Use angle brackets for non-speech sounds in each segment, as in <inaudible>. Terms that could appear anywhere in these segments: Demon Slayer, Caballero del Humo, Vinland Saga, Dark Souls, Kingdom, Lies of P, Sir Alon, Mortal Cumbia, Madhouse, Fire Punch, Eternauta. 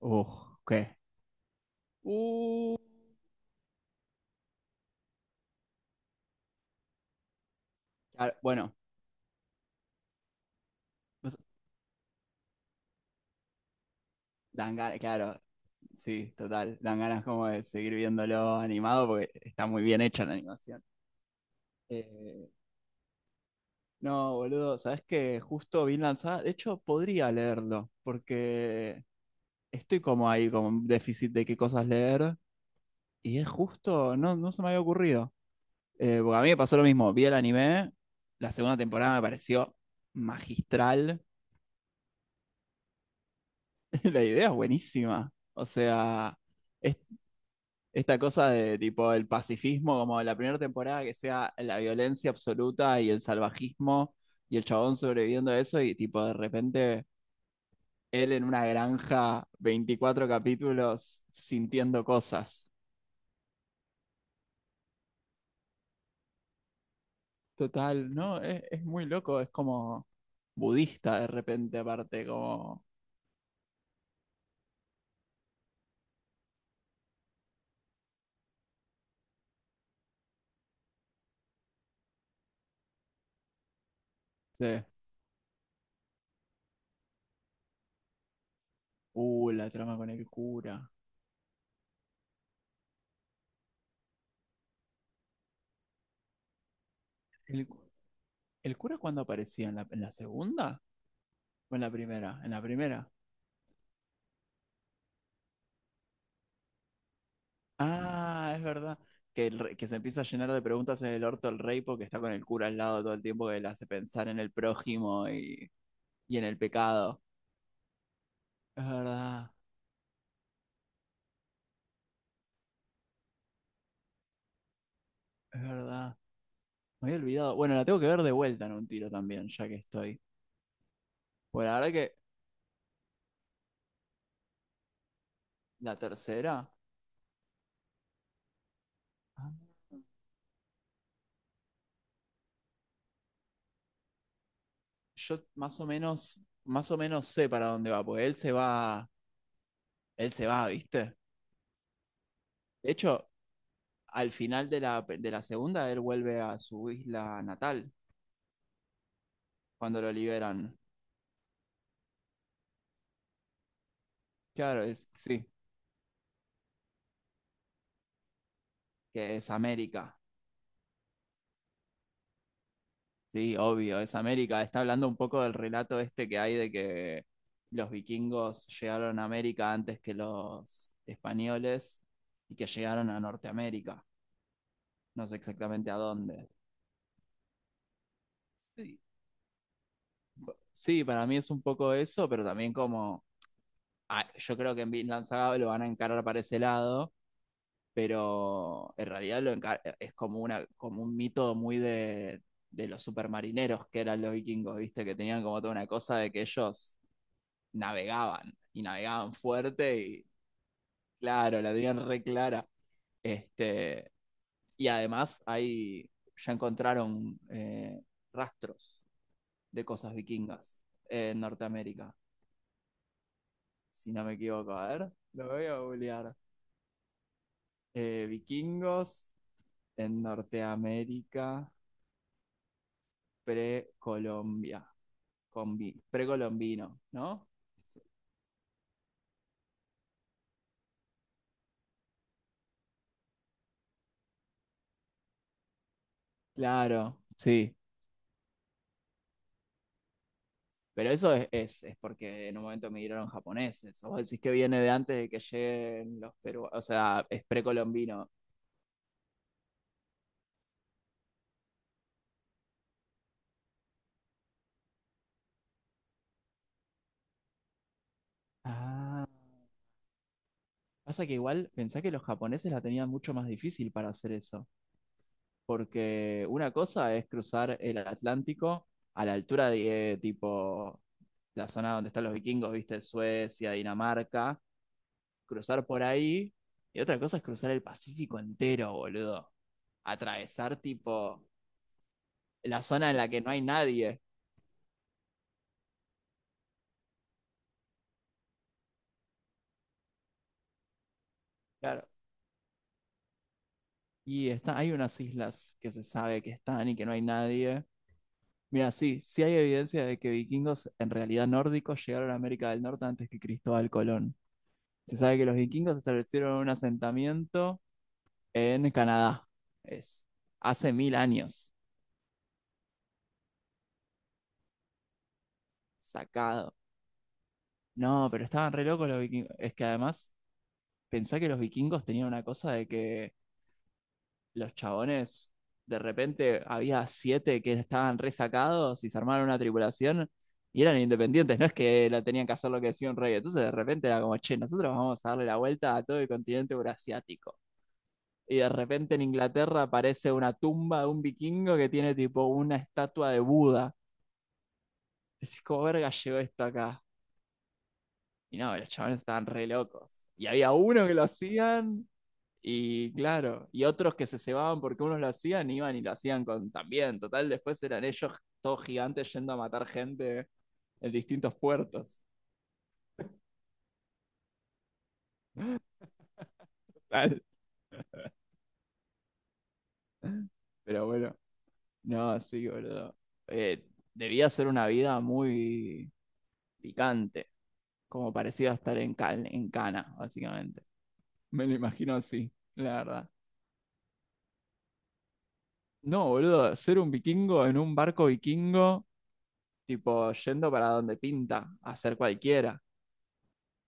Uh, ¿Qué? Uh, claro, bueno, dan ganas, claro, sí, total. Dan ganas como de seguir viéndolo animado porque está muy bien hecha la animación. Eh, no, boludo, sabes que justo vi lanzada. De hecho, podría leerlo porque estoy como ahí, con un déficit de qué cosas leer. Y es justo, no, no se me había ocurrido. Porque a mí me pasó lo mismo. Vi el anime, la segunda temporada me pareció magistral. <laughs> La idea es buenísima. O sea, es esta cosa de tipo el pacifismo, como la primera temporada que sea la violencia absoluta y el salvajismo y el chabón sobreviviendo a eso y tipo de repente él en una granja, 24 capítulos sintiendo cosas. Total, ¿no? Es muy loco, es como budista de repente aparte, como sí. La trama con el cura. ¿El, cu- el cura cuándo aparecía? ¿En la segunda o en la primera? En la primera. Ah, es verdad. Que se empieza a llenar de preguntas en el orto el rey porque está con el cura al lado todo el tiempo que le hace pensar en el prójimo y en el pecado. Es verdad, es verdad. Me había olvidado. Bueno, la tengo que ver de vuelta en un tiro también, ya que estoy. Bueno, la verdad que la tercera, ah, yo más o menos sé para dónde va, porque él se va, ¿viste? De hecho, al final de la segunda, él vuelve a su isla natal cuando lo liberan. Claro, es, sí, que es América. Sí, obvio, es América. Está hablando un poco del relato este que hay de que los vikingos llegaron a América antes que los españoles y que llegaron a Norteamérica. No sé exactamente a dónde. Sí, sí, para mí es un poco eso, pero también como yo creo que en Vinland Saga lo van a encarar para ese lado, pero en realidad es como una como un mito muy de los supermarineros que eran los vikingos, ¿viste? Que tenían como toda una cosa de que ellos navegaban y navegaban fuerte y claro, la tenían re clara. Este, y además ahí ya encontraron rastros de cosas vikingas en Norteamérica, si no me equivoco. A ver, lo voy a googlear. Vikingos en Norteamérica precolombia, precolombino, ¿no? Sí. Claro, sí. Pero eso es porque en un momento migraron japoneses. O vos decís que viene de antes de que lleguen los peruanos. O sea, es precolombino. Ah. Pasa que igual pensá que los japoneses la tenían mucho más difícil para hacer eso. Porque una cosa es cruzar el Atlántico a la altura de tipo la zona donde están los vikingos, viste, Suecia, Dinamarca. Cruzar por ahí. Y otra cosa es cruzar el Pacífico entero, boludo. Atravesar tipo la zona en la que no hay nadie. Claro. Y hay unas islas que se sabe que están y que no hay nadie. Mira, sí, sí hay evidencia de que vikingos en realidad nórdicos llegaron a América del Norte antes que Cristóbal Colón. Se sabe que los vikingos establecieron un asentamiento en Canadá. Es hace mil años. Sacado. No, pero estaban re locos los vikingos. Es que además, pensá que los vikingos tenían una cosa de que los chabones, de repente había siete que estaban resacados y se armaron una tripulación y eran independientes, no es que la tenían que hacer lo que decía un rey. Entonces de repente era como, che, nosotros vamos a darle la vuelta a todo el continente eurasiático. Y de repente en Inglaterra aparece una tumba de un vikingo que tiene tipo una estatua de Buda. Y decís, ¿cómo verga llegó esto acá? Y no, los chavales estaban re locos. Y había uno que lo hacían. Y claro, y otros que se cebaban porque unos lo hacían, iban y lo hacían con también. Total, después eran ellos todos gigantes yendo a matar gente en distintos puertos. Total. Pero bueno, no, sí, boludo. Eh, Debía ser una vida muy picante, como parecía estar en Cana, básicamente. Me lo imagino así, la verdad. No, boludo, ser un vikingo en un barco vikingo, tipo yendo para donde pinta, a hacer cualquiera.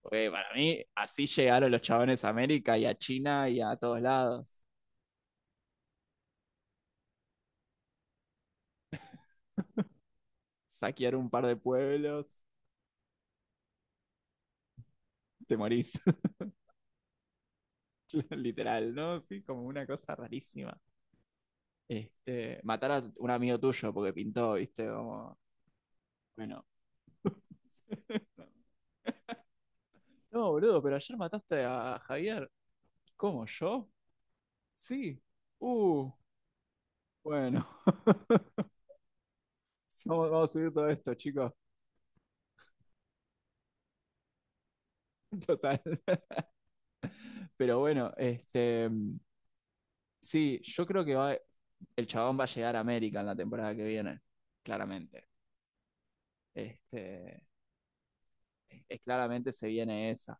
Porque para mí, así llegaron los chabones a América y a China y a todos lados. Saquear un par de pueblos, te morís. <laughs> Literal, ¿no? Sí, como una cosa rarísima. Matar a un amigo tuyo porque pintó, ¿viste? Como, bueno. <laughs> No, boludo, pero ayer mataste a Javier. ¿Cómo, yo? Sí. Uh, bueno. <laughs> Vamos, vamos a subir todo esto, chicos. Total. <laughs> Pero bueno, sí, yo creo que el chabón va a llegar a América en la temporada que viene, claramente. Este, Claramente se viene esa.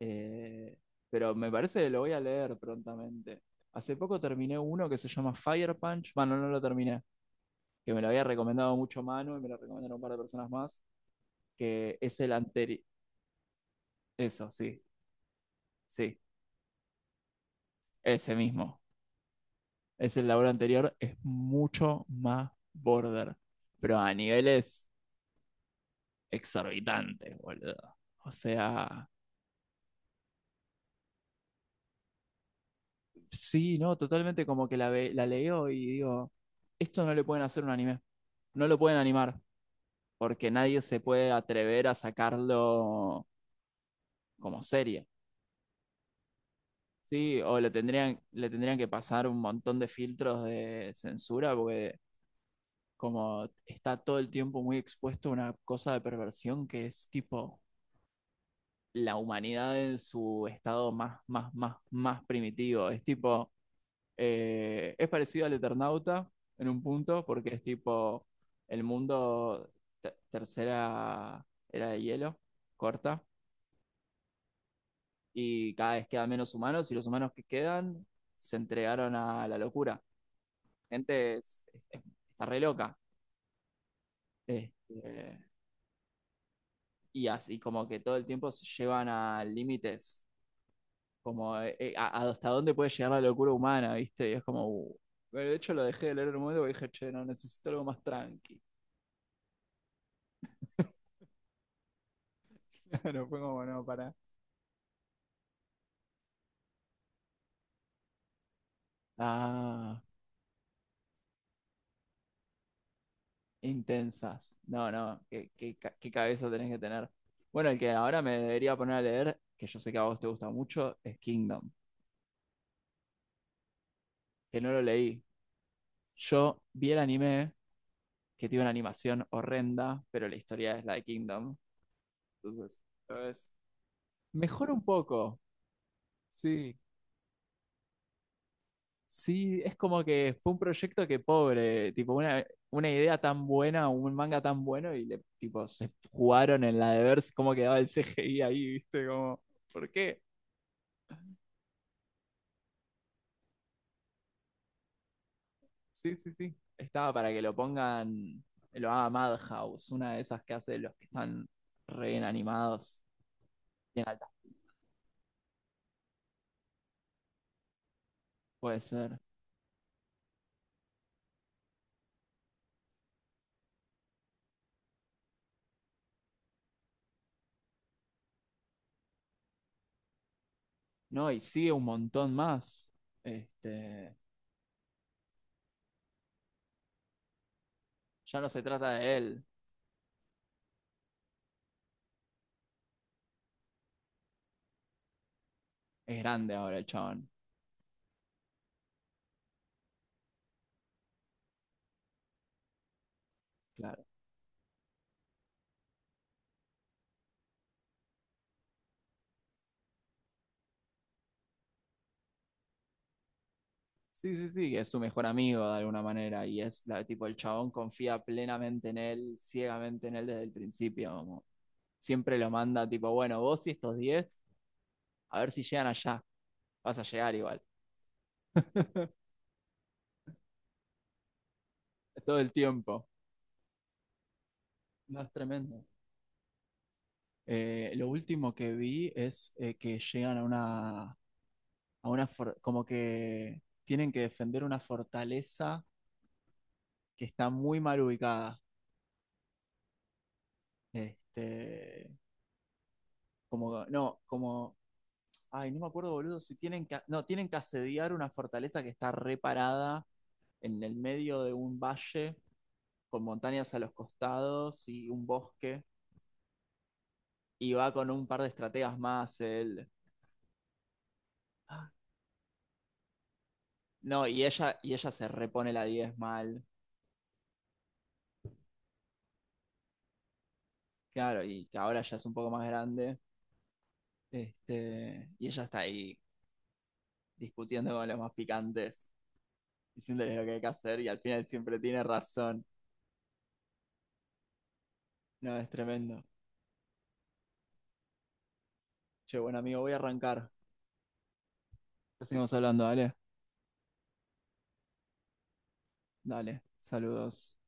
Eh, pero me parece que lo voy a leer prontamente. Hace poco terminé uno que se llama Fire Punch. Bueno, no lo terminé, que me lo había recomendado mucho Manu y me lo recomendaron un par de personas más, que es el anterior. Eso, sí, sí, ese mismo. Es el labor anterior, es mucho más border, pero a niveles exorbitantes, boludo. O sea, sí, no, totalmente como que la leo y digo, esto no le pueden hacer un anime, no lo pueden animar, porque nadie se puede atrever a sacarlo como serie, ¿sí? O le tendrían que pasar un montón de filtros de censura, porque como está todo el tiempo muy expuesto a una cosa de perversión que es tipo la humanidad en su estado más, más, más, más primitivo, es tipo. Es parecido al Eternauta en un punto, porque es tipo el mundo tercera era de hielo, corta, y cada vez quedan menos humanos, y los humanos que quedan se entregaron a la locura. Gente es- es- Está re loca. Este, y así como que todo el tiempo se llevan a límites, como hasta dónde puede llegar la locura humana, ¿viste? Y es como uh. Bueno, de hecho lo dejé de leer en un momento porque dije, che, no, necesito algo más tranqui. Claro, fue como, no, para. Ah, intensas. No, no, qué cabeza tenés que tener. Bueno, el que ahora me debería poner a leer, que yo sé que a vos te gusta mucho, es Kingdom, que no lo leí. Yo vi el anime, que tiene una animación horrenda, pero la historia es la de Kingdom. Entonces, lo ves. Mejora un poco, sí, sí, es como que fue un proyecto que pobre, tipo una idea tan buena, un manga tan bueno y le, tipo se jugaron en la de ver cómo quedaba el CGI ahí, ¿viste? Como, ¿por qué? Sí, sí, sí. Estaba para que lo pongan, lo haga Madhouse, una de esas que hace los que están re bien animados, bien alta. Puede ser. No, y sigue un montón más. Este, ya no se trata de él, es grande ahora el chabón. Claro. Sí, sí, sí, que es su mejor amigo de alguna manera y es la, tipo el chabón confía plenamente en él, ciegamente en él desde el principio, como siempre lo manda tipo, bueno, vos y estos 10 a ver si llegan allá, vas a llegar igual. <laughs> Todo el tiempo. No, es tremendo. Lo último que vi es que llegan a una, como que tienen que defender una fortaleza que está muy mal ubicada, este, como, no, como. Ay, no me acuerdo, boludo, si tienen que, no, tienen que asediar una fortaleza que está reparada en el medio de un valle con montañas a los costados y un bosque y va con un par de estrategas más él. No, y ella se repone la 10 mal. Claro, y que ahora ya es un poco más grande. Y ella está ahí discutiendo con los más picantes, diciéndoles lo que hay que hacer y al final siempre tiene razón. No, es tremendo. Che, bueno, amigo, voy a arrancar. Ya seguimos hablando, dale. Dale. Saludos.